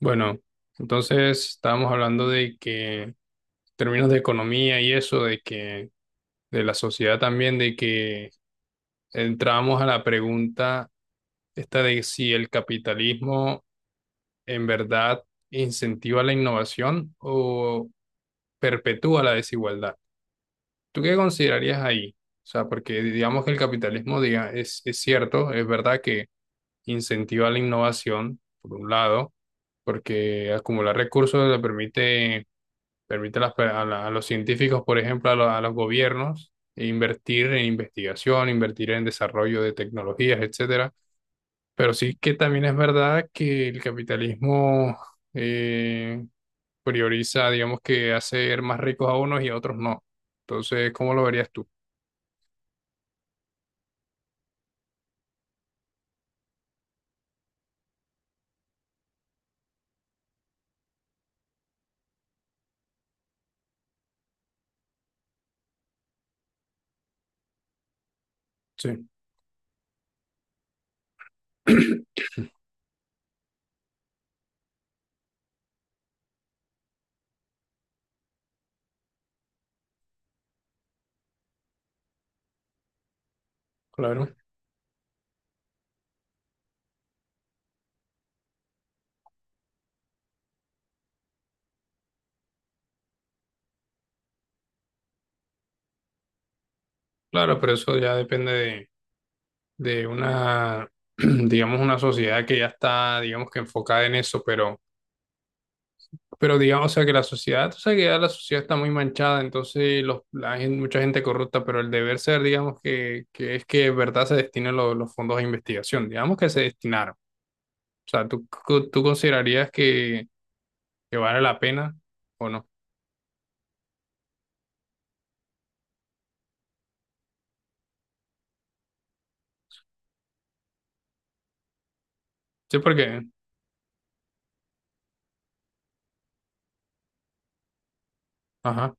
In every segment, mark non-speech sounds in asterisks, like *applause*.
Bueno, entonces estábamos hablando de que en términos de economía y eso, de que de la sociedad también, de que entramos a la pregunta esta de si el capitalismo en verdad incentiva la innovación o perpetúa la desigualdad. ¿Tú qué considerarías ahí? O sea, porque digamos que el capitalismo diga, es cierto, es verdad que incentiva la innovación, por un lado, porque acumular recursos le permite permite a, las per- a la- a los científicos, por ejemplo, a, lo- a los gobiernos, invertir en investigación, invertir en desarrollo de tecnologías, etcétera. Pero sí que también es verdad que el capitalismo eh, prioriza, digamos que hacer más ricos a unos y a otros no. Entonces, ¿cómo lo verías tú? Sí, *coughs* *clears throat* claro. Claro, pero eso ya depende de una, *coughs* *clears throat* digamos, una sociedad que ya está, digamos que enfocada en eso, pero... Pero digamos, o sea, que la sociedad, o sea, que ya la sociedad está muy manchada, entonces los, la gen- mucha gente corrupta, pero el deber ser, digamos, que es que de verdad se destinen lo- los fondos de investigación, digamos que se destinaron. O sea, ¿tú, co- tú considerarías que vale la pena o no? Sí, porque, ajá,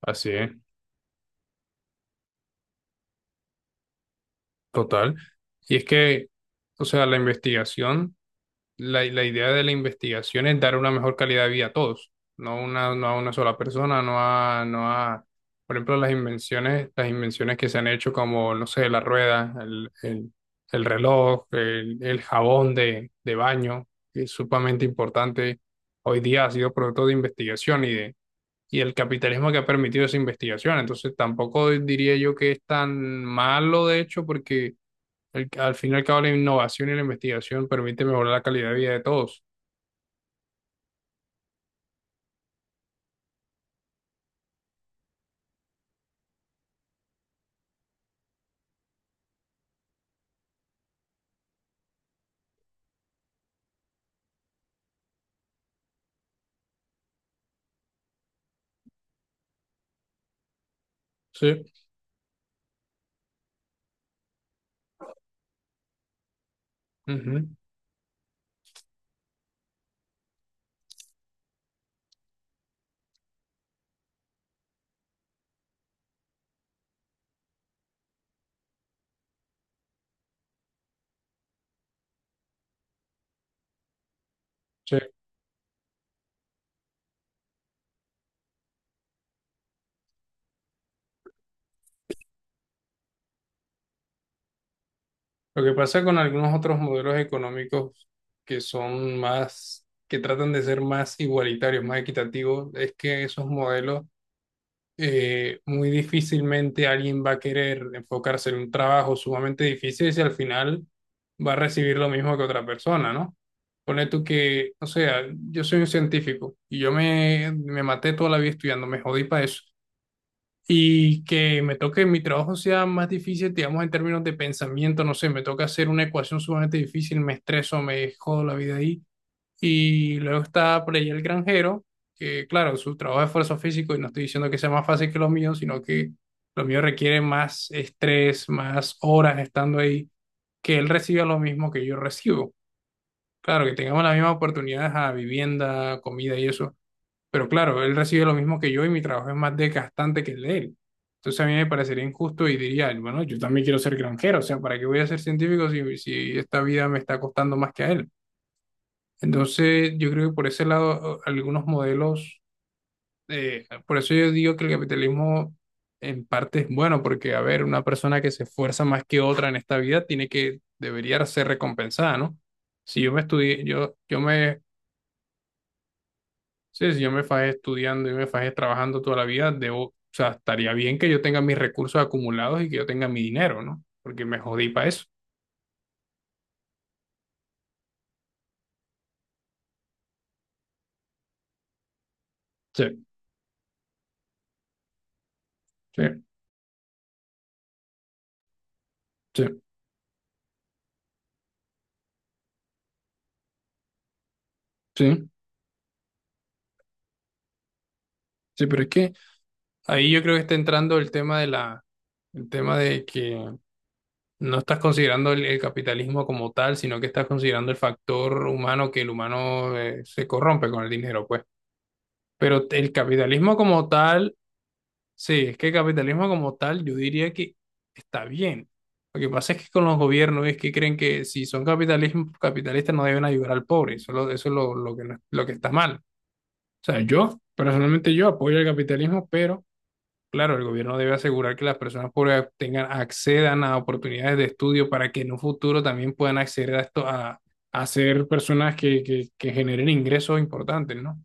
así es, total. Y es que, o sea, la investigación. La idea de la investigación es dar una mejor calidad de vida a todos, no, una, no a una sola persona, no a, no a, por ejemplo, las invenciones que se han hecho como, no sé, la rueda, el reloj, el jabón de baño, que es sumamente importante. Hoy día ha sido producto de investigación y de, y el capitalismo que ha permitido esa investigación. Entonces, tampoco diría yo que es tan malo, de hecho, porque el- al fin y al cabo, la innovación y la investigación permite mejorar la calidad de vida de todos. Sí. Ujú, sí. Lo que pasa con algunos otros modelos económicos que son más, que tratan de ser más igualitarios, más equitativos, es que esos modelos muy difícilmente alguien va a querer enfocarse en un trabajo sumamente difícil si al final va a recibir lo mismo que otra persona, ¿no? Pone tú que, o sea, yo soy un científico y yo me, me maté toda la vida estudiando, me jodí para eso. Y que me toque mi trabajo sea más difícil, digamos, en términos de pensamiento, no sé, me toca hacer una ecuación sumamente difícil, me estreso, me jodo la vida ahí. Y luego está por ahí el granjero, que claro, su trabajo es esfuerzo físico y no estoy diciendo que sea más fácil que los míos sino que los míos requieren más estrés, más horas estando ahí, que él reciba lo mismo que yo recibo. Claro, que tengamos las mismas oportunidades a vivienda, comida y eso pero claro, él recibe lo mismo que yo y mi trabajo es más desgastante que el de él. Entonces a mí me parecería injusto y diría, bueno, yo también quiero ser granjero, o sea, ¿para qué voy a ser científico si, si esta vida me está costando más que a él? Entonces yo creo que por ese lado a- algunos modelos, por eso yo digo que el capitalismo en parte es bueno, porque a ver, una persona que se esfuerza más que otra en esta vida tiene que, debería ser recompensada, ¿no? Si yo me estudié, yo me Sí, si yo me fajé estudiando y me fajé trabajando toda la vida, debo, o sea, estaría bien que yo tenga mis recursos acumulados y que yo tenga mi dinero, ¿no? Porque me jodí para eso. Sí, sí, sí, sí, sí, pero es que ahí yo creo que está entrando el tema de la, el tema de que no estás considerando el capitalismo como tal, sino que estás considerando el factor humano que el humano se corrompe con el dinero, pues. Pero el capitalismo como tal Sí, es que el capitalismo como tal, yo diría que está bien. Lo que pasa es que con los gobiernos es que creen que si son capitalismo, capitalistas no deben ayudar al pobre. Eso es lo que, no- lo que está mal. O sea, yo, personalmente yo apoyo el capitalismo, pero claro, el gobierno debe asegurar que las personas pobres tengan, accedan a oportunidades de estudio para que en un futuro también puedan acceder a esto, a ser personas que generen ingresos importantes, ¿no?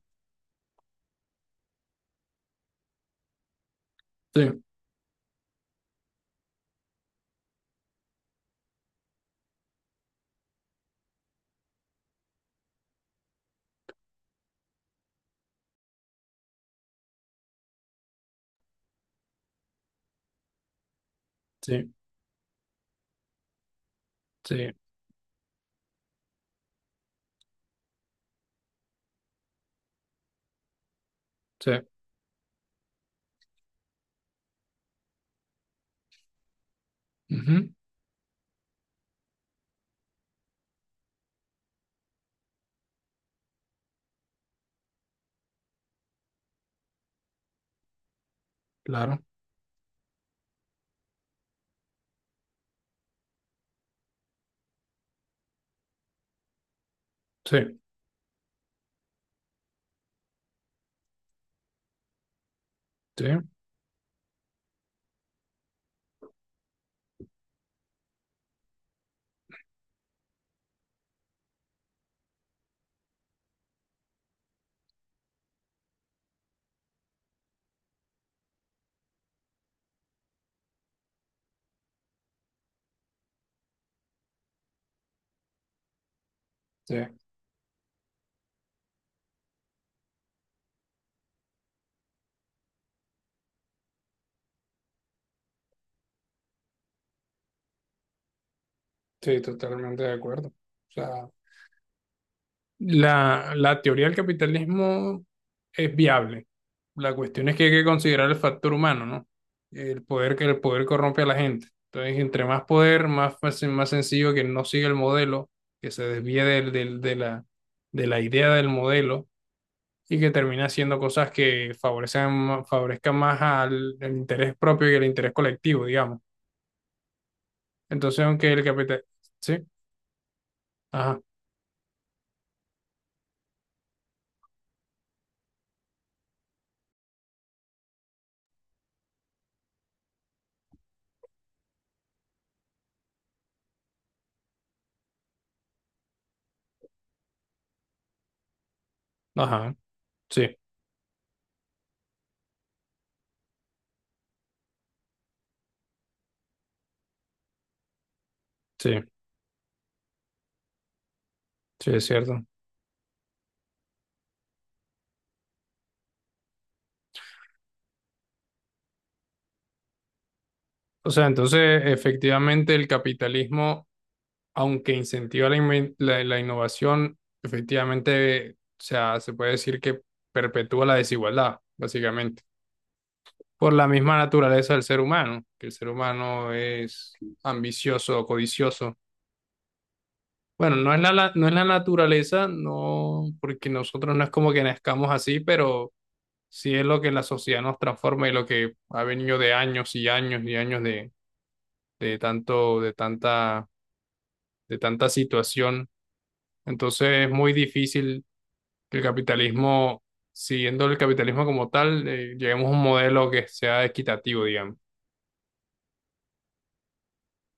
Sí, sí, sí, sí. Ujú, claro, sí, sí. Sí, sí, totalmente de acuerdo. O sea, la teoría del capitalismo es viable. La cuestión es que hay que considerar el factor humano, ¿no? El poder que el poder corrompe a la gente. Entonces, entre más poder, más fácil, más sencillo que no siga el modelo, que se desvíe del, del- de la idea del modelo y que termine haciendo cosas que favorecen, favorezcan más al, al interés propio y al interés colectivo, digamos. Entonces, aunque el capital... Sí, ajá, ajá, sí. Sí. Sí, es cierto. O sea, entonces, efectivamente, el capitalismo, aunque incentiva la, inven- la innovación, efectivamente, o sea, se puede decir que perpetúa la desigualdad, básicamente, por la misma naturaleza del ser humano, que el ser humano es ambicioso, codicioso. Bueno, no es la, la- no es la naturaleza, no, porque nosotros no es como que nazcamos así, pero sí es lo que la sociedad nos transforma y lo que ha venido de años y años y años de tanto, de tanta situación. Entonces es muy difícil que el capitalismo, siguiendo el capitalismo como tal, lleguemos a un modelo que sea equitativo, digamos.